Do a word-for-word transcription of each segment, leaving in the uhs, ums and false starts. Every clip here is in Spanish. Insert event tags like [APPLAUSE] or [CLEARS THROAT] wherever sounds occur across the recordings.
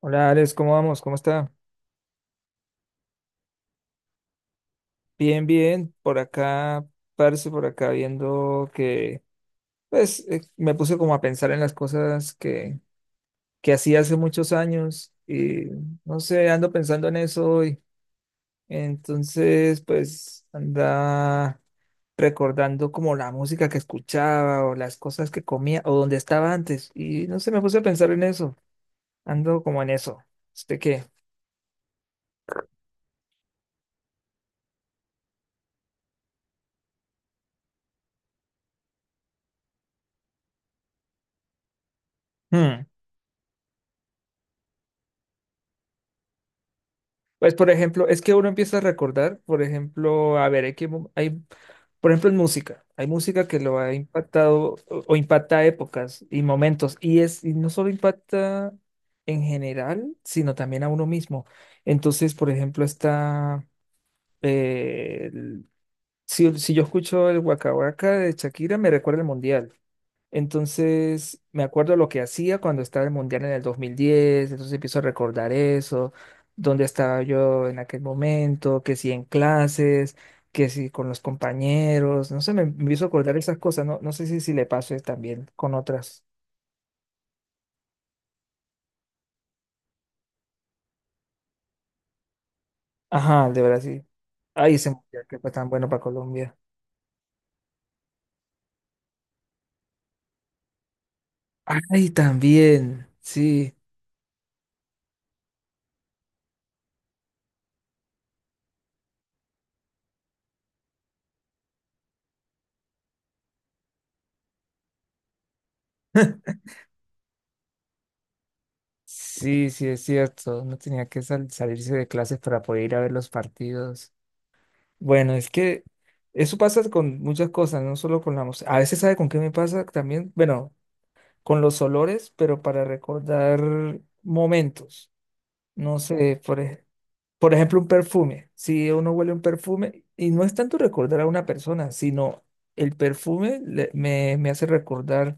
Hola Alex, ¿cómo vamos? ¿Cómo está? Bien, bien. Por acá, parce, por acá viendo que, pues, eh, me puse como a pensar en las cosas que, que hacía hace muchos años y no sé, ando pensando en eso hoy. Entonces, pues, anda recordando como la música que escuchaba o las cosas que comía o donde estaba antes. Y no sé, me puse a pensar en eso. Ando como en eso. ¿Usted qué? Pues, por ejemplo, es que uno empieza a recordar, por ejemplo, a ver, hay que, mo- hay, por ejemplo, en música, hay música que lo ha impactado o, o impacta épocas y momentos, y es, y no solo impacta en general, sino también a uno mismo. Entonces, por ejemplo, está, eh, el- si, si yo escucho el Waka Waka de Shakira, me recuerda el mundial. Entonces, me acuerdo lo que hacía cuando estaba el Mundial en el dos mil diez, entonces empiezo a recordar eso, dónde estaba yo en aquel momento, que si en clases, que si con los compañeros, no sé, me empiezo a acordar esas cosas, no, no sé si, si le pase también con otras. Ajá, el de Brasil. Ay, ese Mundial que fue tan bueno para Colombia. Ay, también, sí, sí, sí, es cierto, no tenía que sal- salirse de clases para poder ir a ver los partidos. Bueno, es que eso pasa con muchas cosas, no solo con la música. A veces, ¿sabe con qué me pasa también? Bueno, con los olores, pero para recordar momentos. No sé, por, ej- por ejemplo, un perfume. Si uno huele un perfume, y no es tanto recordar a una persona, sino el perfume le- me, me hace recordar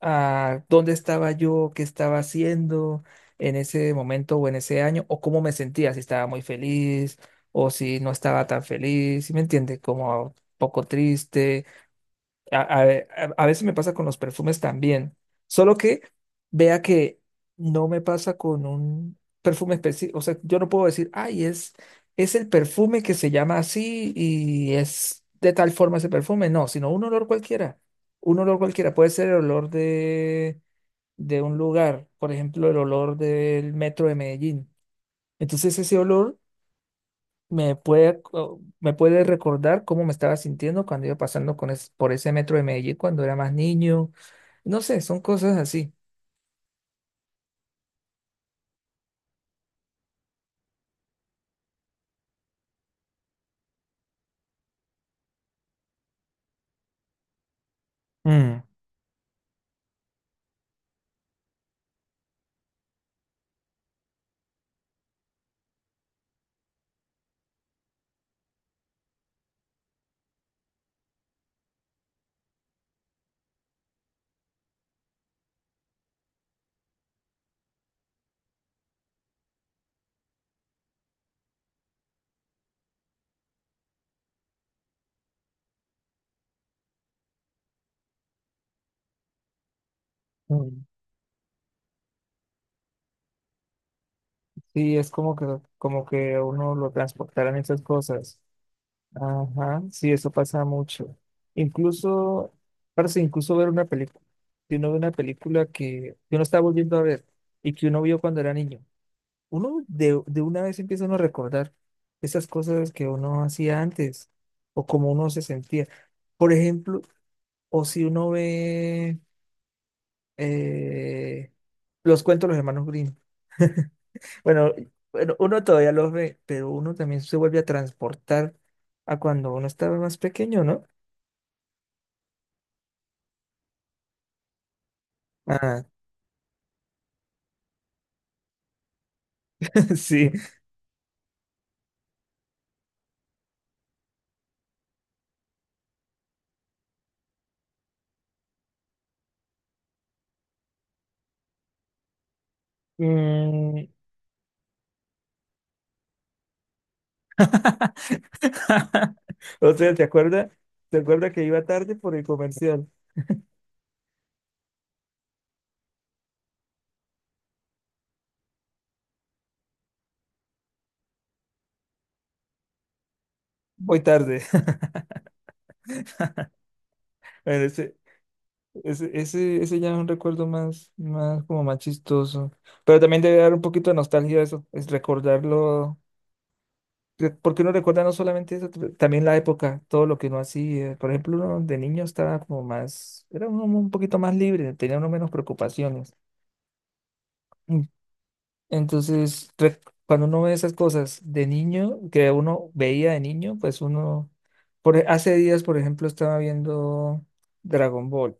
a dónde estaba yo, qué estaba haciendo en ese momento o en ese año, o cómo me sentía, si estaba muy feliz o si no estaba tan feliz, ¿si me entiende? Como un poco triste a, a- a- a veces me pasa con los perfumes también, solo que vea que no me pasa con un perfume específico, o sea, yo no puedo decir, ay, es, es el perfume que se llama así y es de tal forma ese perfume, no, sino un olor cualquiera, un olor cualquiera, puede ser el olor de, de un lugar, por ejemplo, el olor del metro de Medellín. Entonces ese olor me puede, co- me puede recordar cómo me estaba sintiendo cuando iba pasando con es- por ese metro de Medellín cuando era más niño. No sé, son cosas así. Mm, Mm. Sí, es como que, como que a uno lo transportaran esas cosas. Ajá, sí, eso pasa mucho. Incluso, parece incluso ver una película. Si uno ve una película que que uno está volviendo a ver y que uno vio cuando era niño. Uno de, de una vez empieza uno a recordar esas cosas que uno hacía antes o cómo uno se sentía. Por ejemplo, o si uno ve eh, los cuentos de los hermanos Grimm. [LAUGHS] Bueno, bueno, uno todavía los ve, pero uno también se vuelve a transportar a cuando uno estaba más pequeño, ¿no? Ah, [LAUGHS] sí. Mm. [LAUGHS] O sea, ¿te acuerdas? ¿Te acuerdas que iba tarde por el comercial? Voy tarde. [LAUGHS] Bueno, ese- ese, ese, ese ya es un recuerdo más, más como más chistoso. Pero también debe dar un poquito de nostalgia eso, es recordarlo. que- ¿Por qué uno recuerda no solamente eso, t- también la época, todo lo que uno hacía? Por ejemplo, uno de niño estaba como más, era uno un poquito más libre, tenía uno menos preocupaciones. Mm. Entonces, re- cuando uno ve esas cosas de niño, que uno veía de niño, pues uno, por, e- hace días, por ejemplo, estaba viendo Dragon Ball.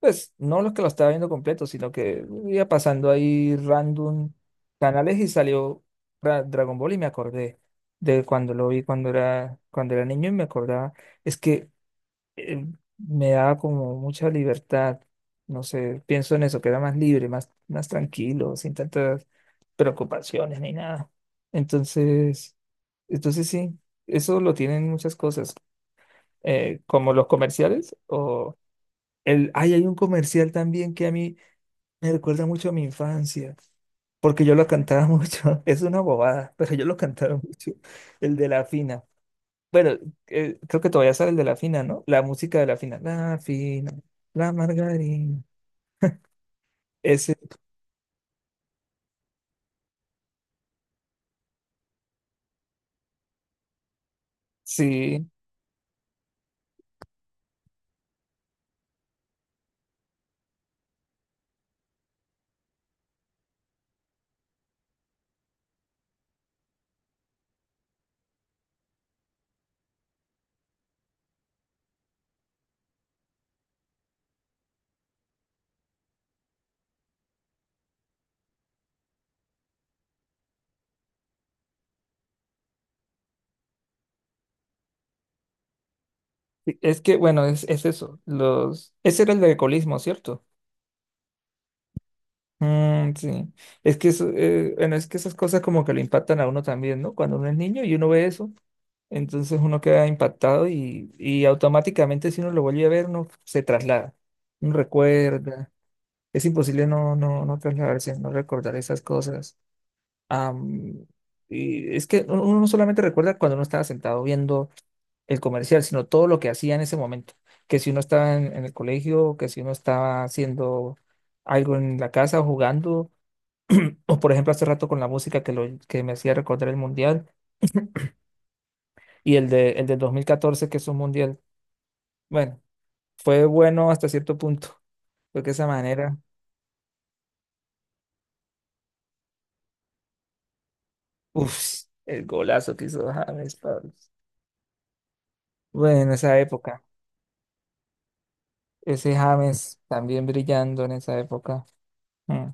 Pues no los que lo estaba viendo completo, sino que iba pasando ahí random canales y salió Ra- Dragon Ball y me acordé de cuando lo vi cuando era, cuando era niño y me acordaba. Es que eh, me daba como mucha libertad. No sé, pienso en eso, que era más libre, más, más tranquilo, sin tantas preocupaciones ni nada. Entonces, entonces sí, eso lo tienen muchas cosas, eh, como los comerciales el, ay, hay un comercial también que a mí me recuerda mucho a mi infancia, porque yo lo cantaba mucho. [LAUGHS] Es una bobada, pero yo lo cantaba mucho. El de la fina. Bueno, eh, creo que todavía sale el de la fina, ¿no? La música de la fina. La fina, la margarina. Ese, sí. Sí, es que, bueno, es, es eso. Los, ese era el de alcoholismo, ¿cierto? Mm, sí. Es que eso, eh, bueno, es que esas cosas como que le impactan a uno también, ¿no? Cuando uno es niño y uno ve eso. Entonces uno queda impactado y, y automáticamente si uno lo vuelve a ver, uno se traslada, uno recuerda. Es imposible no, no, no trasladarse, no recordar esas cosas. Am, y es que uno uno no solamente recuerda cuando uno estaba sentado viendo el comercial, sino todo lo que hacía en ese momento. Que si uno estaba en, en el colegio, que si uno estaba haciendo algo en la casa o jugando, [CLEARS THROAT] o por ejemplo hace rato con la música que, lo, que me hacía recordar el mundial y el de, el del dos mil catorce que es un mundial. Bueno, fue bueno hasta cierto punto, porque esa manera, uff, el golazo que hizo James, Pablo. Bueno, en esa época, ese James también brillando en esa época. Mm.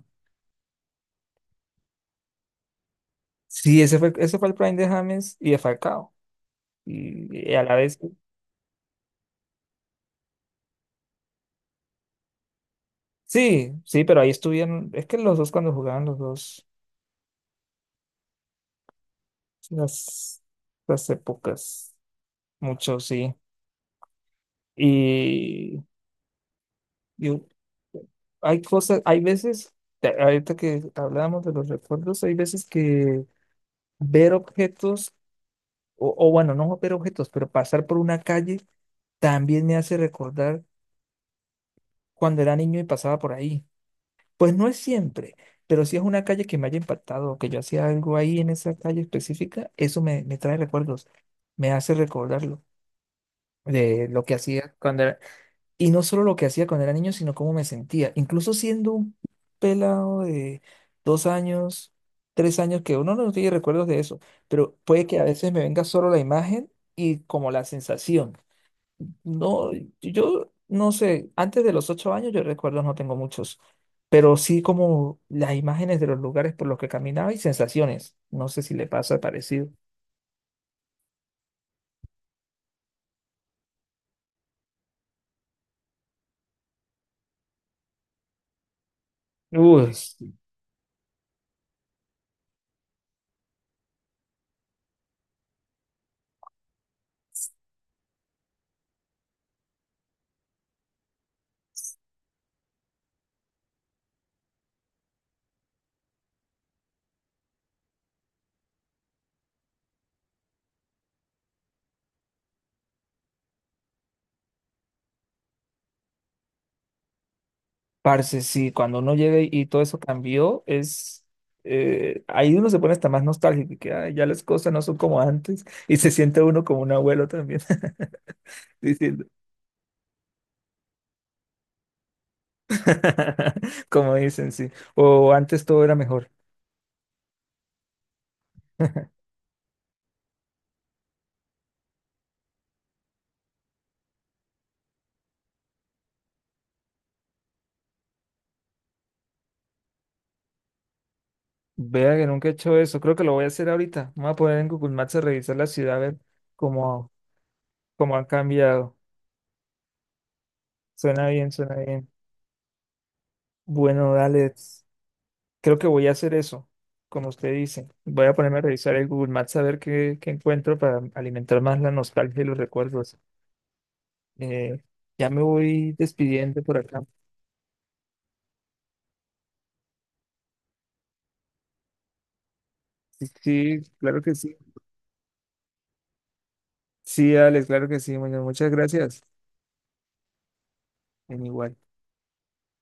Sí, ese fue, ese fue el prime de James y de Falcao. Y, y a la vez, sí, sí, pero ahí estuvieron, es que los dos cuando jugaban los dos, las, las épocas, mucho, sí. Y yo, hay cosas, hay veces, te- ahorita que hablábamos de los recuerdos, hay veces que ver objetos, o, o bueno, no ver objetos, pero pasar por una calle también me hace recordar cuando era niño y pasaba por ahí. Pues no es siempre, pero si es una calle que me haya impactado o que yo hacía algo ahí en esa calle específica, eso me, me trae recuerdos, me hace recordarlo de lo que hacía cuando era, y no solo lo que hacía cuando era niño, sino cómo me sentía. Incluso siendo un pelado de dos años, tres años, que uno no tiene recuerdos de eso, pero puede que a veces me venga solo la imagen y como la sensación. No, yo no sé, antes de los ocho años yo recuerdos no tengo muchos, pero sí como las imágenes de los lugares por los que caminaba y sensaciones. No sé si le pasa parecido. Uy. Parce, sí, cuando uno llega y, y todo eso cambió, es eh, ahí uno se pone hasta más nostálgico, y que "Ay, ya las cosas no son como antes", [LAUGHS] y se siente uno como un abuelo también, [LAUGHS] diciendo, [LAUGHS] como dicen, sí, o antes todo era mejor. Vea que nunca he hecho eso, creo que lo voy a hacer ahorita. Me voy a poner en Google Maps a revisar la ciudad, a ver cómo, cómo han cambiado. Suena bien, suena bien. Bueno, dale. Creo que voy a hacer eso, como usted dice. Voy a ponerme a revisar el Google Maps a ver qué, qué encuentro para alimentar más la nostalgia y los recuerdos. Eh, ya me voy despidiendo por acá. Sí, sí, claro que sí. Sí, Alex, claro que sí. Bueno, muchas gracias. En igual.